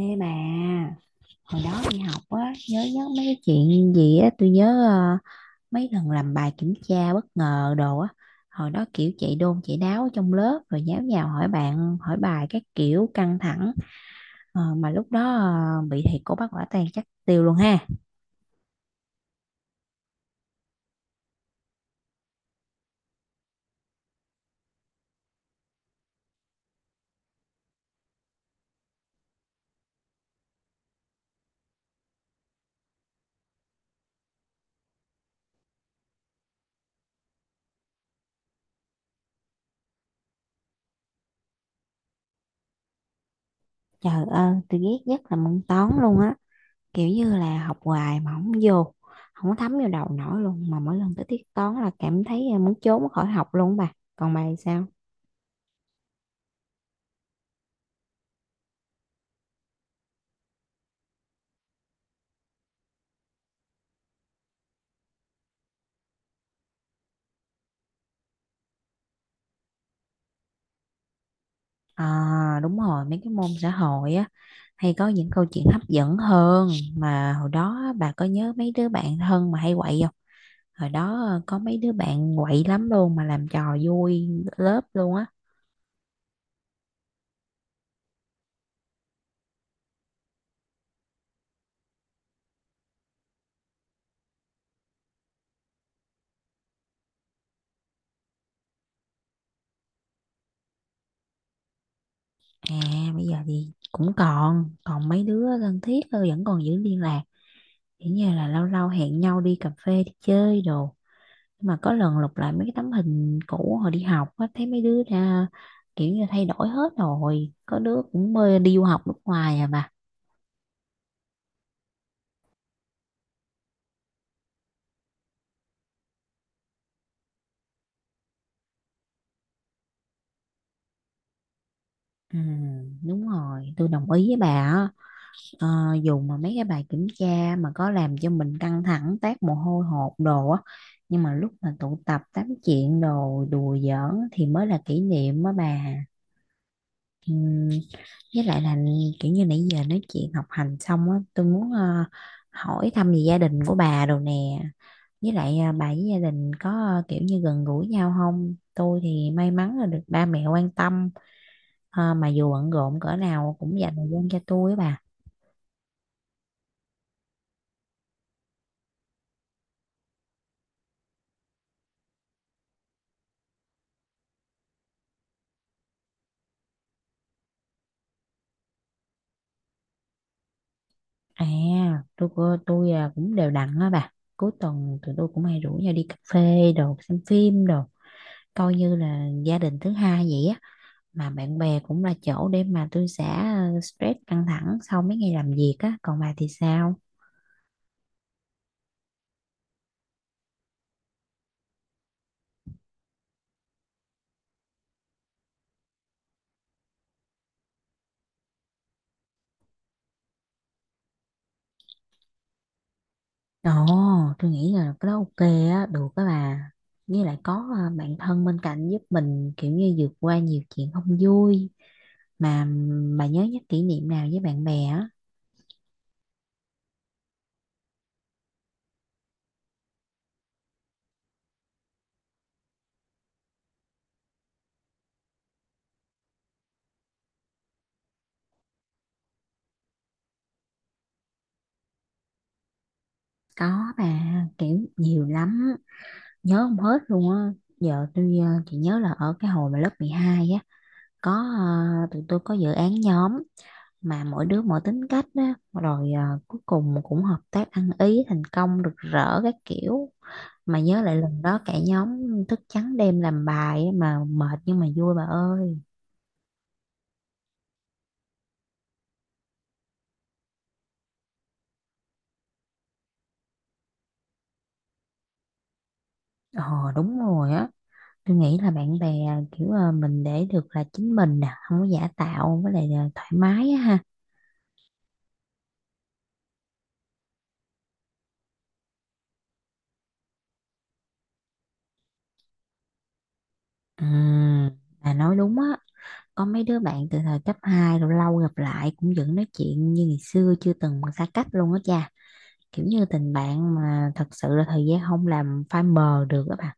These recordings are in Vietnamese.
Ê bà, hồi đó đi học á, nhớ nhớ mấy cái chuyện gì á, tôi nhớ mấy lần làm bài kiểm tra bất ngờ đồ á, hồi đó kiểu chạy đôn chạy đáo ở trong lớp rồi nháo nhào hỏi bạn, hỏi bài các kiểu căng thẳng. Mà lúc đó bị thầy cô bắt quả tang chắc tiêu luôn ha. Trời ơi, tôi ghét nhất là môn toán luôn á, kiểu như là học hoài mà không vô, không có thấm vô đầu nổi luôn, mà mỗi lần tới tiết toán là cảm thấy muốn trốn khỏi học luôn á bà. Còn bà thì sao? À, đúng rồi, mấy cái môn xã hội á hay có những câu chuyện hấp dẫn hơn, mà hồi đó á, bà có nhớ mấy đứa bạn thân mà hay quậy không? Hồi đó có mấy đứa bạn quậy lắm luôn mà làm trò vui lớp luôn á. À, bây giờ thì cũng còn còn mấy đứa thân thiết thôi, vẫn còn giữ liên lạc. Chỉ như là lâu lâu hẹn nhau đi cà phê đi chơi đồ. Nhưng mà có lần lục lại mấy cái tấm hình cũ hồi đi học á thấy mấy đứa ra kiểu như thay đổi hết rồi. Có đứa cũng mê đi du học nước ngoài à bà. Ừ, đúng rồi, tôi đồng ý với bà á. Ờ, Dù mà mấy cái bài kiểm tra mà có làm cho mình căng thẳng, tát mồ hôi hột đồ á, nhưng mà lúc mà tụ tập tám chuyện đồ đùa giỡn thì mới là kỷ niệm á bà. Ừ, với lại là kiểu như nãy giờ nói chuyện học hành xong á, tôi muốn hỏi thăm về gia đình của bà đồ nè. Với lại bà với gia đình có kiểu như gần gũi nhau không? Tôi thì may mắn là được ba mẹ quan tâm. Ờ, mà dù bận rộn cỡ nào cũng dành thời gian cho tôi á bà. À, tôi à, cũng đều đặn á bà. Cuối tuần tụi tôi cũng hay rủ nhau đi cà phê đồ xem phim đồ, coi như là gia đình thứ hai vậy á, mà bạn bè cũng là chỗ để mà tôi xả stress căng thẳng sau mấy ngày làm việc á. Còn bà thì sao? Ồ, tôi nghĩ là cái đó ok á, được á bà. Với lại có bạn thân bên cạnh giúp mình kiểu như vượt qua nhiều chuyện không vui. Mà bà nhớ nhất kỷ niệm nào với bạn bè á? Có bà, kiểu nhiều lắm, nhớ không hết luôn á. Giờ tôi chỉ nhớ là ở cái hồi mà lớp 12 á, có tụi tôi có dự án nhóm, mà mỗi đứa mỗi tính cách á rồi cuối cùng cũng hợp tác ăn ý thành công rực rỡ các kiểu. Mà nhớ lại lần đó cả nhóm thức trắng đêm làm bài á, mà mệt nhưng mà vui bà ơi. Ờ, đúng rồi á, tôi nghĩ là bạn bè kiểu mình để được là chính mình nè, không có giả tạo với lại là thoải mái á ha. À, bà nói đúng á, có mấy đứa bạn từ thời cấp 2 rồi lâu gặp lại cũng vẫn nói chuyện như ngày xưa chưa từng xa cách luôn á cha. Kiểu như tình bạn mà thật sự là thời gian không làm phai mờ được á bà.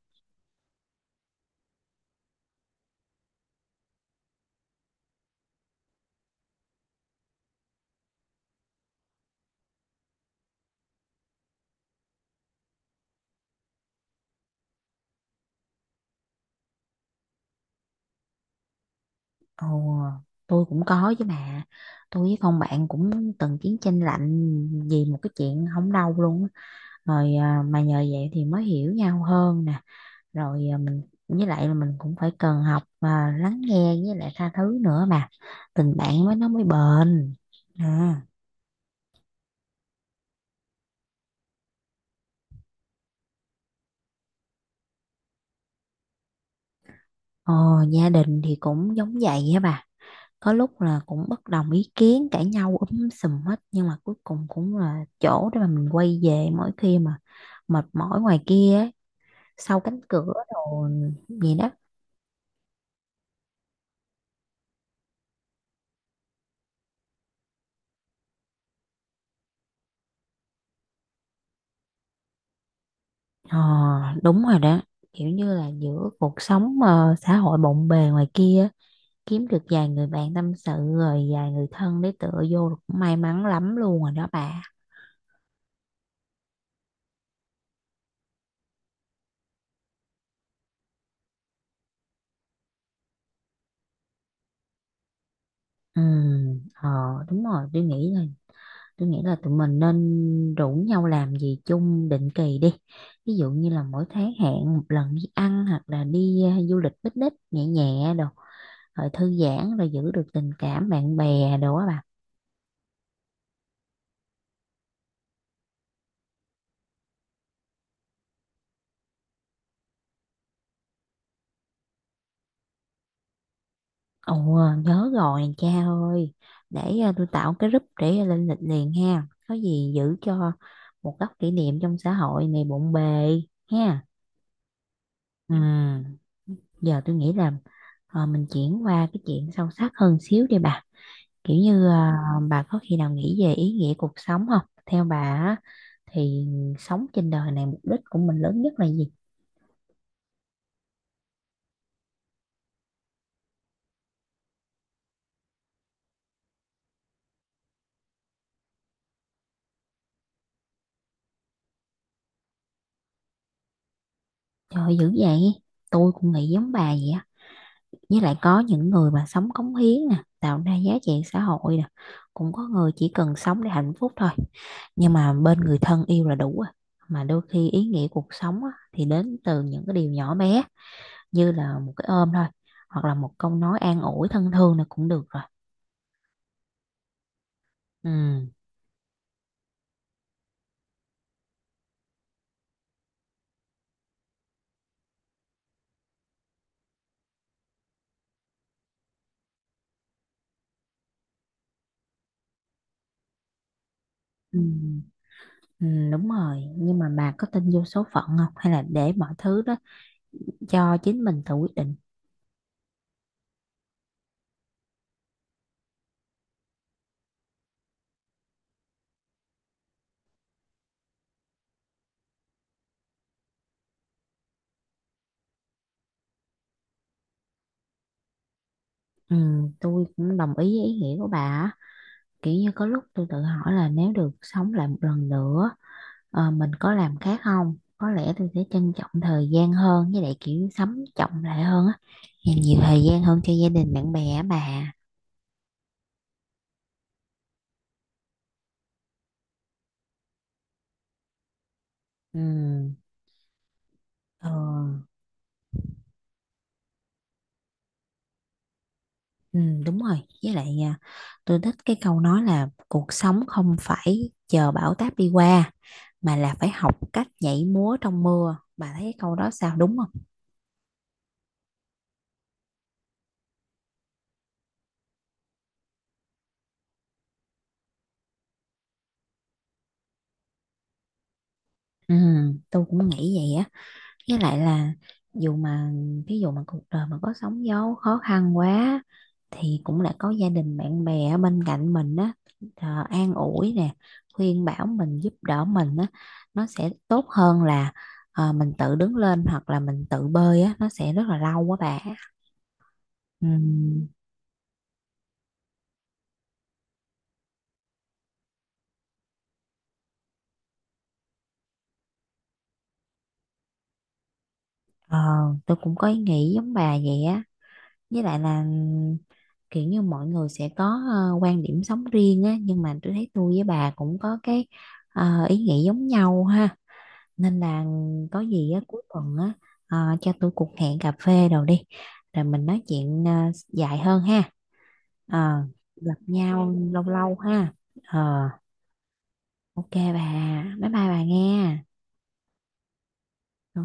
Ồ, tôi cũng có chứ bà. Tôi với con bạn cũng từng chiến tranh lạnh vì một cái chuyện không đâu luôn á. Rồi à, mà nhờ vậy thì mới hiểu nhau hơn nè. Rồi à, mình với lại là mình cũng phải cần học à, lắng nghe với lại tha thứ nữa, mà tình bạn mới nó mới bền à. Ờ, gia đình thì cũng giống vậy á bà, có lúc là cũng bất đồng ý kiến cãi nhau úm sùm hết, nhưng mà cuối cùng cũng là chỗ để mà mình quay về mỗi khi mà mệt mỏi ngoài kia ấy, sau cánh cửa đồ gì đó. Ờ, đúng rồi đó, kiểu như là giữa cuộc sống xã hội bộn bề ngoài kia á, kiếm được vài người bạn tâm sự rồi vài người thân để tựa vô là cũng may mắn lắm luôn rồi đó bà. Ừ, ờ, đúng rồi, tôi nghĩ là tụi mình nên rủ nhau làm gì chung định kỳ đi. Ví dụ như là mỗi tháng hẹn một lần đi ăn hoặc là đi du lịch picnic nhẹ nhẹ đồ, rồi thư giãn rồi giữ được tình cảm bạn bè đồ á bà. Ồ, nhớ rồi cha ơi. Để à, tôi tạo cái group để lên lịch liền ha. Có gì giữ cho một góc kỷ niệm trong xã hội này bộn bề ha. Ừ, giờ tôi nghĩ là mình chuyển qua cái chuyện sâu sắc hơn xíu đi bà. Kiểu như bà có khi nào nghĩ về ý nghĩa cuộc sống không? Theo bà á, thì sống trên đời này mục đích của mình lớn nhất là gì? Trời ơi, dữ vậy. Tôi cũng nghĩ giống bà vậy á. Với lại có những người mà sống cống hiến nè, tạo ra giá trị xã hội nè, cũng có người chỉ cần sống để hạnh phúc thôi, nhưng mà bên người thân yêu là đủ rồi. Mà đôi khi ý nghĩa cuộc sống á, thì đến từ những cái điều nhỏ bé, như là một cái ôm thôi, hoặc là một câu nói an ủi thân thương là cũng được rồi. Ừ. Ừ. Ừ, đúng rồi, nhưng mà bà có tin vô số phận không hay là để mọi thứ đó cho chính mình tự quyết định? Ừ, tôi cũng đồng ý với ý nghĩa của bà á. Kiểu như có lúc tôi tự hỏi là nếu được sống lại một lần nữa, mình có làm khác không, có lẽ tôi sẽ trân trọng thời gian hơn, với lại kiểu sống trọng lại hơn á, dành nhiều thời gian hơn cho gia đình bạn bè á bà. Ừ, ờ, ừ, đúng rồi, với lại à, tôi thích cái câu nói là cuộc sống không phải chờ bão táp đi qua mà là phải học cách nhảy múa trong mưa. Bà thấy cái câu đó sao, đúng không? Ừ, tôi cũng nghĩ vậy á, với lại là dù mà ví dụ mà cuộc đời mà có sóng gió khó khăn quá, thì cũng lại có gia đình bạn bè ở bên cạnh mình á, an ủi nè, khuyên bảo mình giúp đỡ mình á, nó sẽ tốt hơn là mình tự đứng lên hoặc là mình tự bơi á, nó sẽ rất là lâu quá bà. Ừm, ờ, tôi cũng có ý nghĩ giống bà vậy á, với lại là kiểu như mọi người sẽ có quan điểm sống riêng á, nhưng mà tôi thấy tôi với bà cũng có cái ý nghĩ giống nhau ha, nên là có gì á, cuối tuần á, cho tôi cuộc hẹn cà phê đồ đi, rồi mình nói chuyện dài hơn ha. Ờ, gặp nhau lâu lâu ha. Ờ, ok bà. Bye bye bà nghe. Ừ.